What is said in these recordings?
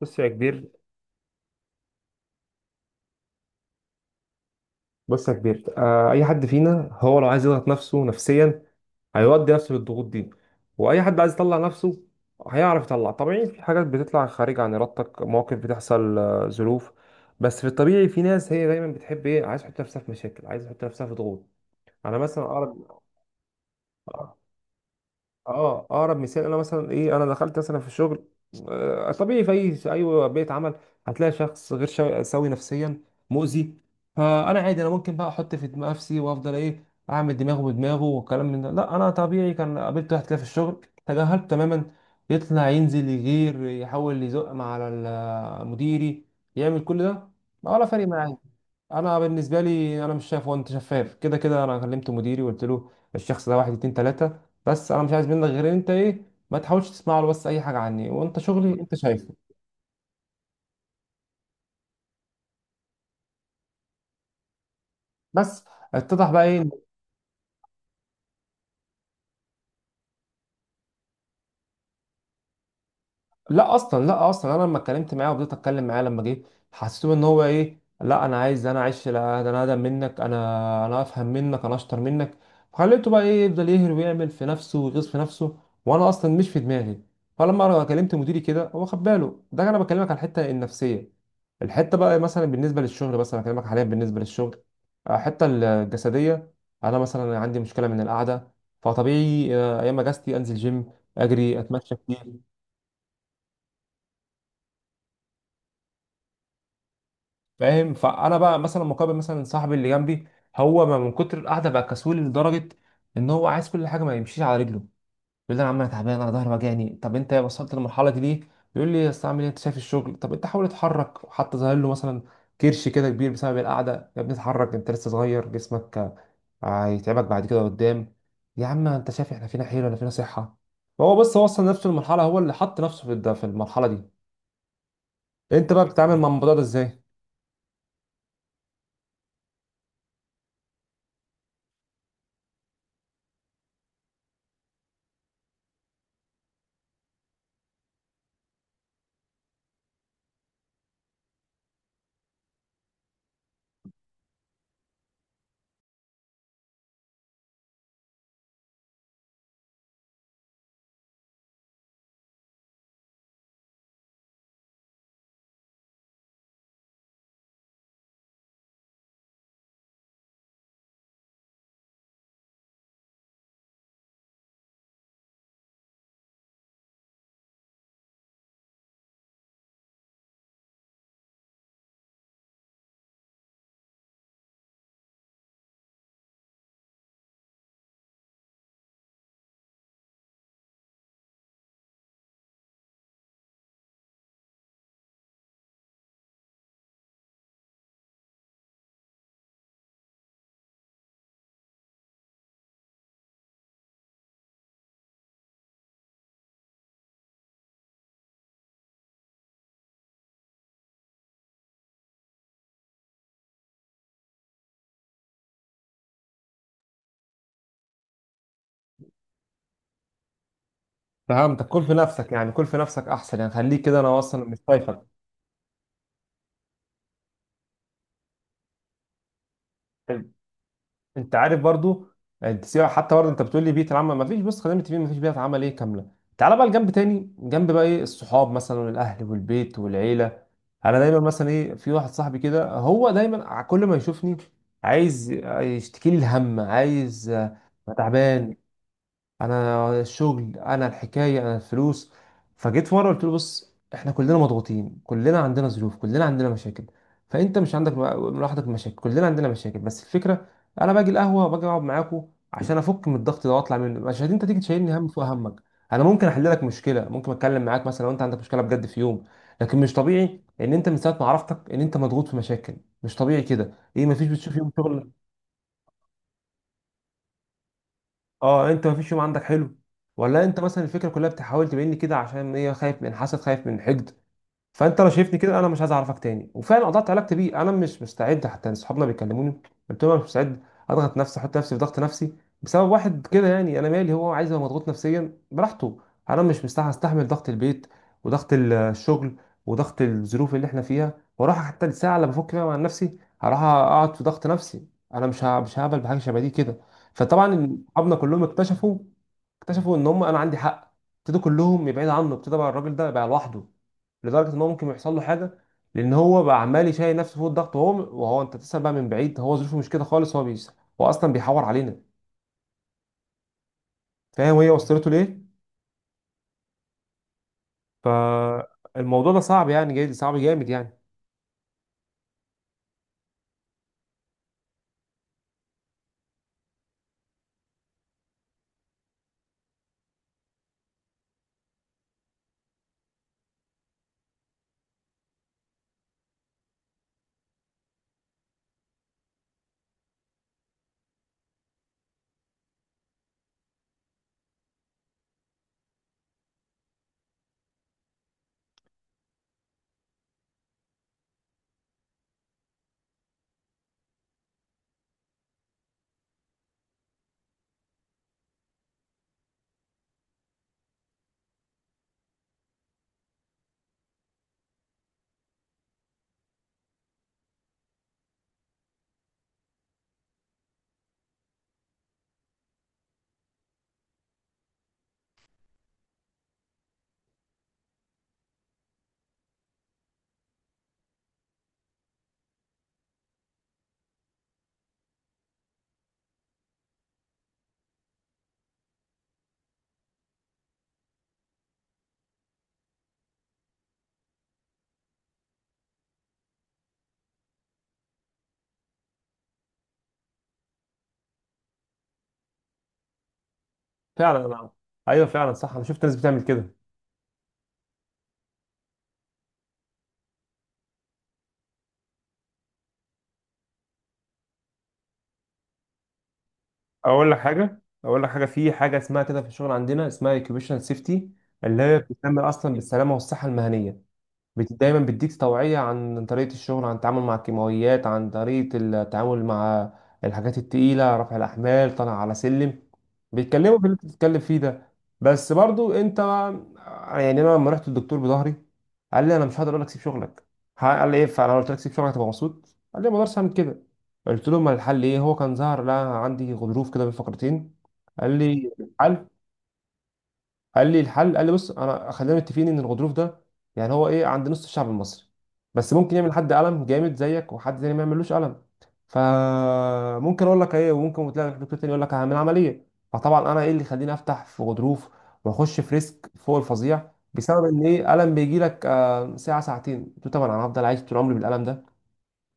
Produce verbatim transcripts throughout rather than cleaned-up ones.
بص يا كبير بص يا كبير آه اي حد فينا هو لو عايز يضغط نفسه نفسيا هيودي نفسه للضغوط دي، واي حد عايز يطلع نفسه هيعرف يطلع طبيعي. في حاجات بتطلع خارج عن ارادتك، مواقف بتحصل، آه، ظروف. بس في الطبيعي في ناس هي دايما بتحب ايه، عايز تحط نفسها في مشاكل، عايز تحط نفسها في ضغوط. انا مثلا اقرب اه اقرب مثال انا مثلا ايه، انا دخلت مثلا في الشغل. آه، طبيعي في اي في اي بيئه عمل هتلاقي شخص غير شا- سوي نفسيا، مؤذي. فانا عادي انا ممكن بقى احط في دماغ نفسي وافضل ايه، اعمل دماغه بدماغه والكلام من ده. لا انا طبيعي كان قابلت واحد كده في الشغل، تجاهلته تماما. يطلع ينزل يغير يحاول يزق مع على ال- مديري، يعمل كل ده، ولا فارق معايا. انا بالنسبه لي انا مش شايف، هو انت شفاف كده كده. انا كلمت مديري وقلت له الشخص ده واحد اتنين تلاته، بس انا مش عايز منك غير إن انت ايه، ما تحاولش تسمع له بس اي حاجه عني، وانت شغلي انت شايفه. بس اتضح بقى ايه، لا اصلا لا اصلا، انا لما اتكلمت معاه وفضلت اتكلم معاه لما جه حسيته ان هو ايه، لا انا عايز انا اعيش، لا ده انا اقدم منك، انا انا افهم منك، انا اشطر منك. خليته بقى ايه، يفضل يهر ويعمل في نفسه ويغيظ في نفسه، وانا اصلا مش في دماغي. فلما انا كلمت مديري كده هو خد باله. ده انا بكلمك على الحته النفسيه، الحته بقى مثلا بالنسبه للشغل، بس انا بكلمك حاليا بالنسبه للشغل. آه، الحته الجسديه، انا مثلا عندي مشكله من القعده. فطبيعي آه، ايام اجازتي انزل جيم، اجري، اتمشى كتير. فاهم؟ فانا بقى مثلا مقابل مثلا صاحبي اللي جنبي، هو ما من كتر القعده بقى كسول لدرجه ان هو عايز كل حاجه ما يمشيش على رجله. يقول لي انا عم، انا تعبان، انا ظهري وجعني. طب انت وصلت للمرحله دي ليه؟ يقول لي اصل اعمل ايه انت شايف الشغل. طب انت حاول اتحرك، وحتى ظاهر له مثلا كرش كده كبير بسبب القعده، يا ابني اتحرك انت لسه صغير، جسمك هيتعبك بعد كده قدام. يا عم انت شايف احنا فينا حيل ولا فينا صحه؟ فهو بس وصل نفسه للمرحله، هو اللي حط نفسه في الد- في المرحله دي. انت بقى بتتعامل مع الموضوع ده ازاي؟ فهمتك، كل في نفسك يعني، كل في نفسك احسن يعني، خليك كده انا اصلا مش شايفك. طيب. انت عارف برضو، انت سيبك حتى برضو، انت بتقول لي بيئه العمل ما فيش، بص خلينا متفقين ما فيش بيئه عمل ايه كامله. تعالى بقى لجنب تاني، جنب بقى ايه الصحاب مثلا والاهل والبيت والعيله. انا دايما مثلا ايه، في واحد صاحبي كده هو دايما ع- كل ما يشوفني عايز يشتكي لي الهم، عايز آه، أنا تعبان، انا الشغل، انا الحكايه، انا الفلوس. فجيت في مره قلت له بص، احنا كلنا مضغوطين، كلنا عندنا ظروف، كلنا عندنا مشاكل. فانت مش عندك لوحدك مشاكل، كلنا عندنا مشاكل. بس الفكره انا باجي القهوه، باجي اقعد معاكوا عشان افك من الضغط ده واطلع منه، مش عشان انت تيجي تشيلني هم فوق همك. انا ممكن احل لك مشكله، ممكن اتكلم معاك مثلا لو انت عندك مشكله بجد في يوم، لكن مش طبيعي ان انت من ساعه ما عرفتك ان انت مضغوط في مشاكل. مش طبيعي كده ايه، مفيش بتشوف يوم شغل، اه انت مفيش يوم عندك حلو؟ ولا انت مثلا الفكره كلها بتحاول تبين لي كده عشان ايه، خايف من حسد، خايف من حقد؟ فانت لو شايفني كده انا مش عايز اعرفك تاني. وفعلا قطعت علاقتي بيه، انا مش مستعد. حتى اصحابنا بيكلموني قلت لهم انا مش مستعد اضغط نفسي، احط نفسي في ضغط نفسي بسبب واحد كده. يعني انا مالي، هو عايز يبقى مضغوط نفسيا براحته. انا مش مستحمل استحمل ضغط البيت وضغط ال- الشغل وضغط الظروف اللي احنا فيها، واروح حتى الساعه اللي بفك فيها مع نفسي هروح اقعد في ضغط نفسي. انا مش ه- مش هقبل بحاجه شبه دي كده. فطبعا اصحابنا كلهم اكتشفوا، اكتشفوا ان هم انا عندي حق. ابتدوا كلهم يبعدوا عنه، ابتدى بقى الراجل ده بقى لوحده لدرجه ان هو ممكن يحصل له حاجه، لان هو بقى عمال يشيل نفسه فوق الضغط. وهو وهو انت تسال بقى من بعيد هو ظروفه مش كده خالص، هو بيس، هو اصلا بيحور علينا. فاهم هي وصلته ليه؟ فالموضوع ده صعب يعني، جاي صعب جامد يعني. فعلا انا ايوه فعلا صح، انا شفت ناس بتعمل كده. اقول لك حاجه اقول لك حاجه في حاجه اسمها كده في الشغل عندنا، اسمها اوكيوبيشنال سيفتي، اللي هي بتتعمل اصلا بالسلامه والصحه المهنيه. بت- دايما بيديك توعية عن طريقة الشغل، عن التعامل مع الكيماويات، عن طريقة التعامل مع الحاجات التقيلة، رفع الأحمال، طالع على سلم. بيتكلموا في اللي انت بتتكلم فيه ده. بس برضو انت يعني، انا لما رحت للدكتور بظهري قال لي انا مش هقدر اقول لك سيب شغلك. ها- قال لي ايه؟ فانا قلت لك سيب شغلك تبقى مبسوط. قال لي ما اقدرش اعمل كده. قلت له ما الحل ايه؟ هو كان ظهر لا عندي غضروف كده بين فقرتين. قال لي الحل قال لي الحل قال لي بص انا خلينا متفقين ان الغضروف ده، يعني هو ايه، عند نص الشعب المصري، بس ممكن يعمل حد قلم جامد زيك، وحد تاني ما يعملوش قلم. فممكن اقول لك ايه، وممكن تلاقي دكتور تاني يقول لك هعمل عمليه. فطبعا انا ايه اللي يخليني افتح في غضروف واخش في ريسك فوق الفظيع بسبب ان ايه قلم بيجي لك آه، ساعه ساعتين؟ قلت له طبعا انا هفضل عايش طول عمري بالقلم ده.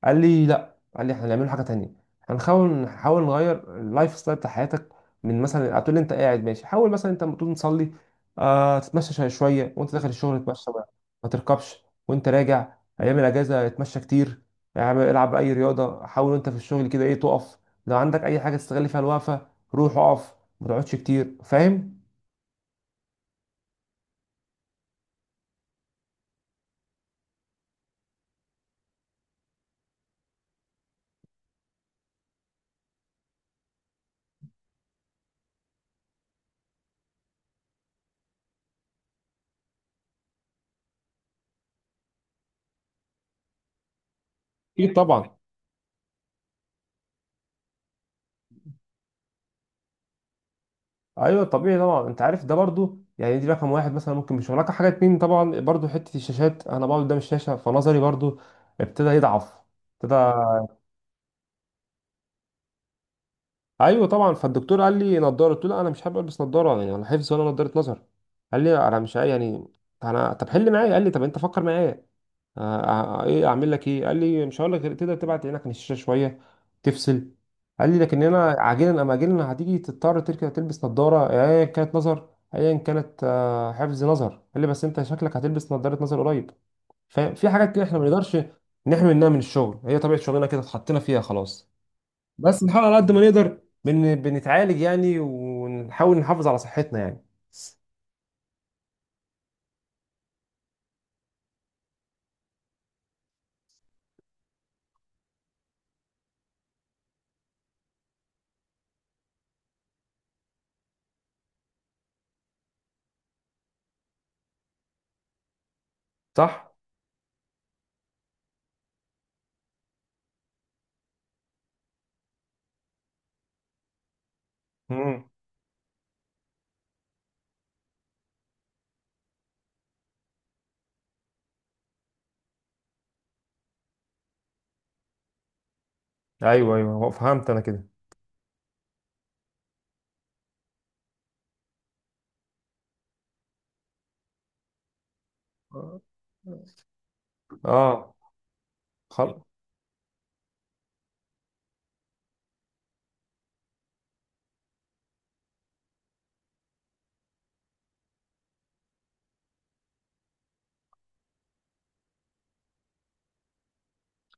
قال لي لا، قال لي احنا هنعمله حاجه تانية، هنحاول نحاول نغير اللايف ستايل بتاع حياتك. من مثلا هتقول لي انت قاعد ماشي، حاول مثلا انت لما تقوم تصلي آه تتمشى شويه شوية، وانت داخل الشغل اتمشى بقى، ما تركبش وانت راجع. ايام الاجازه اتمشى كتير. اعمل- العب اي رياضه. حاول وانت في الشغل كده ايه تقف، لو عندك اي حاجه تستغل فيها الوقفه روح اقف، ما تقعدش كتير. فاهم؟ اكيد طبعا. ايوه طبيعي طبعا. انت عارف ده برضو، يعني دي رقم واحد مثلا. ممكن مش رقم حاجه اتنين طبعا برضو، حته الشاشات، انا بقعد قدام الشاشه فنظري برضو ابتدى يضعف، ابتدى. ايوه طبعا. فالدكتور قال لي نضاره، قلت له لا انا مش حابب البس نضاره يعني، ولا حفظ ولا نضاره نظر. قال لي انا مش عاي- يعني انا طب حل معايا. قال لي طب انت فكر معايا، آه، آه، ايه اعمل لك ايه؟ قال لي مش هقول لك غير تقدر تبعد عينك عن الشاشه شويه، تفصل. قال لي لكن هنا عاجلا ام اجلا هتيجي تضطر تركب تلبس نظاره، ايا كانت نظر، ايا كانت آه، حفظ نظر. قال لي بس انت شكلك هتلبس نظاره نظر قريب. ففي حاجات كده احنا ما نقدرش نحمي منها من الشغل، هي طبيعه شغلنا كده اتحطينا فيها خلاص. بس نحاول على قد ما نقدر بن... بنتعالج يعني، ونحاول نحافظ على صحتنا يعني. صح؟ مم. ايوه ايوه هو فهمت انا كده. اه خلاص.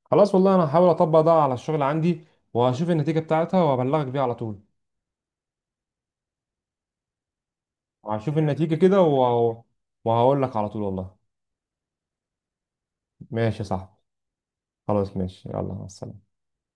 خلاص والله انا هحاول اطبق ده على الشغل عندي، وهشوف النتيجه بتاعتها وابلغك بيها على طول. هشوف النتيجه كده و... وهقول لك على طول والله. ماشي يا صاحبي. خلاص ماشي، يلا مع السلامه.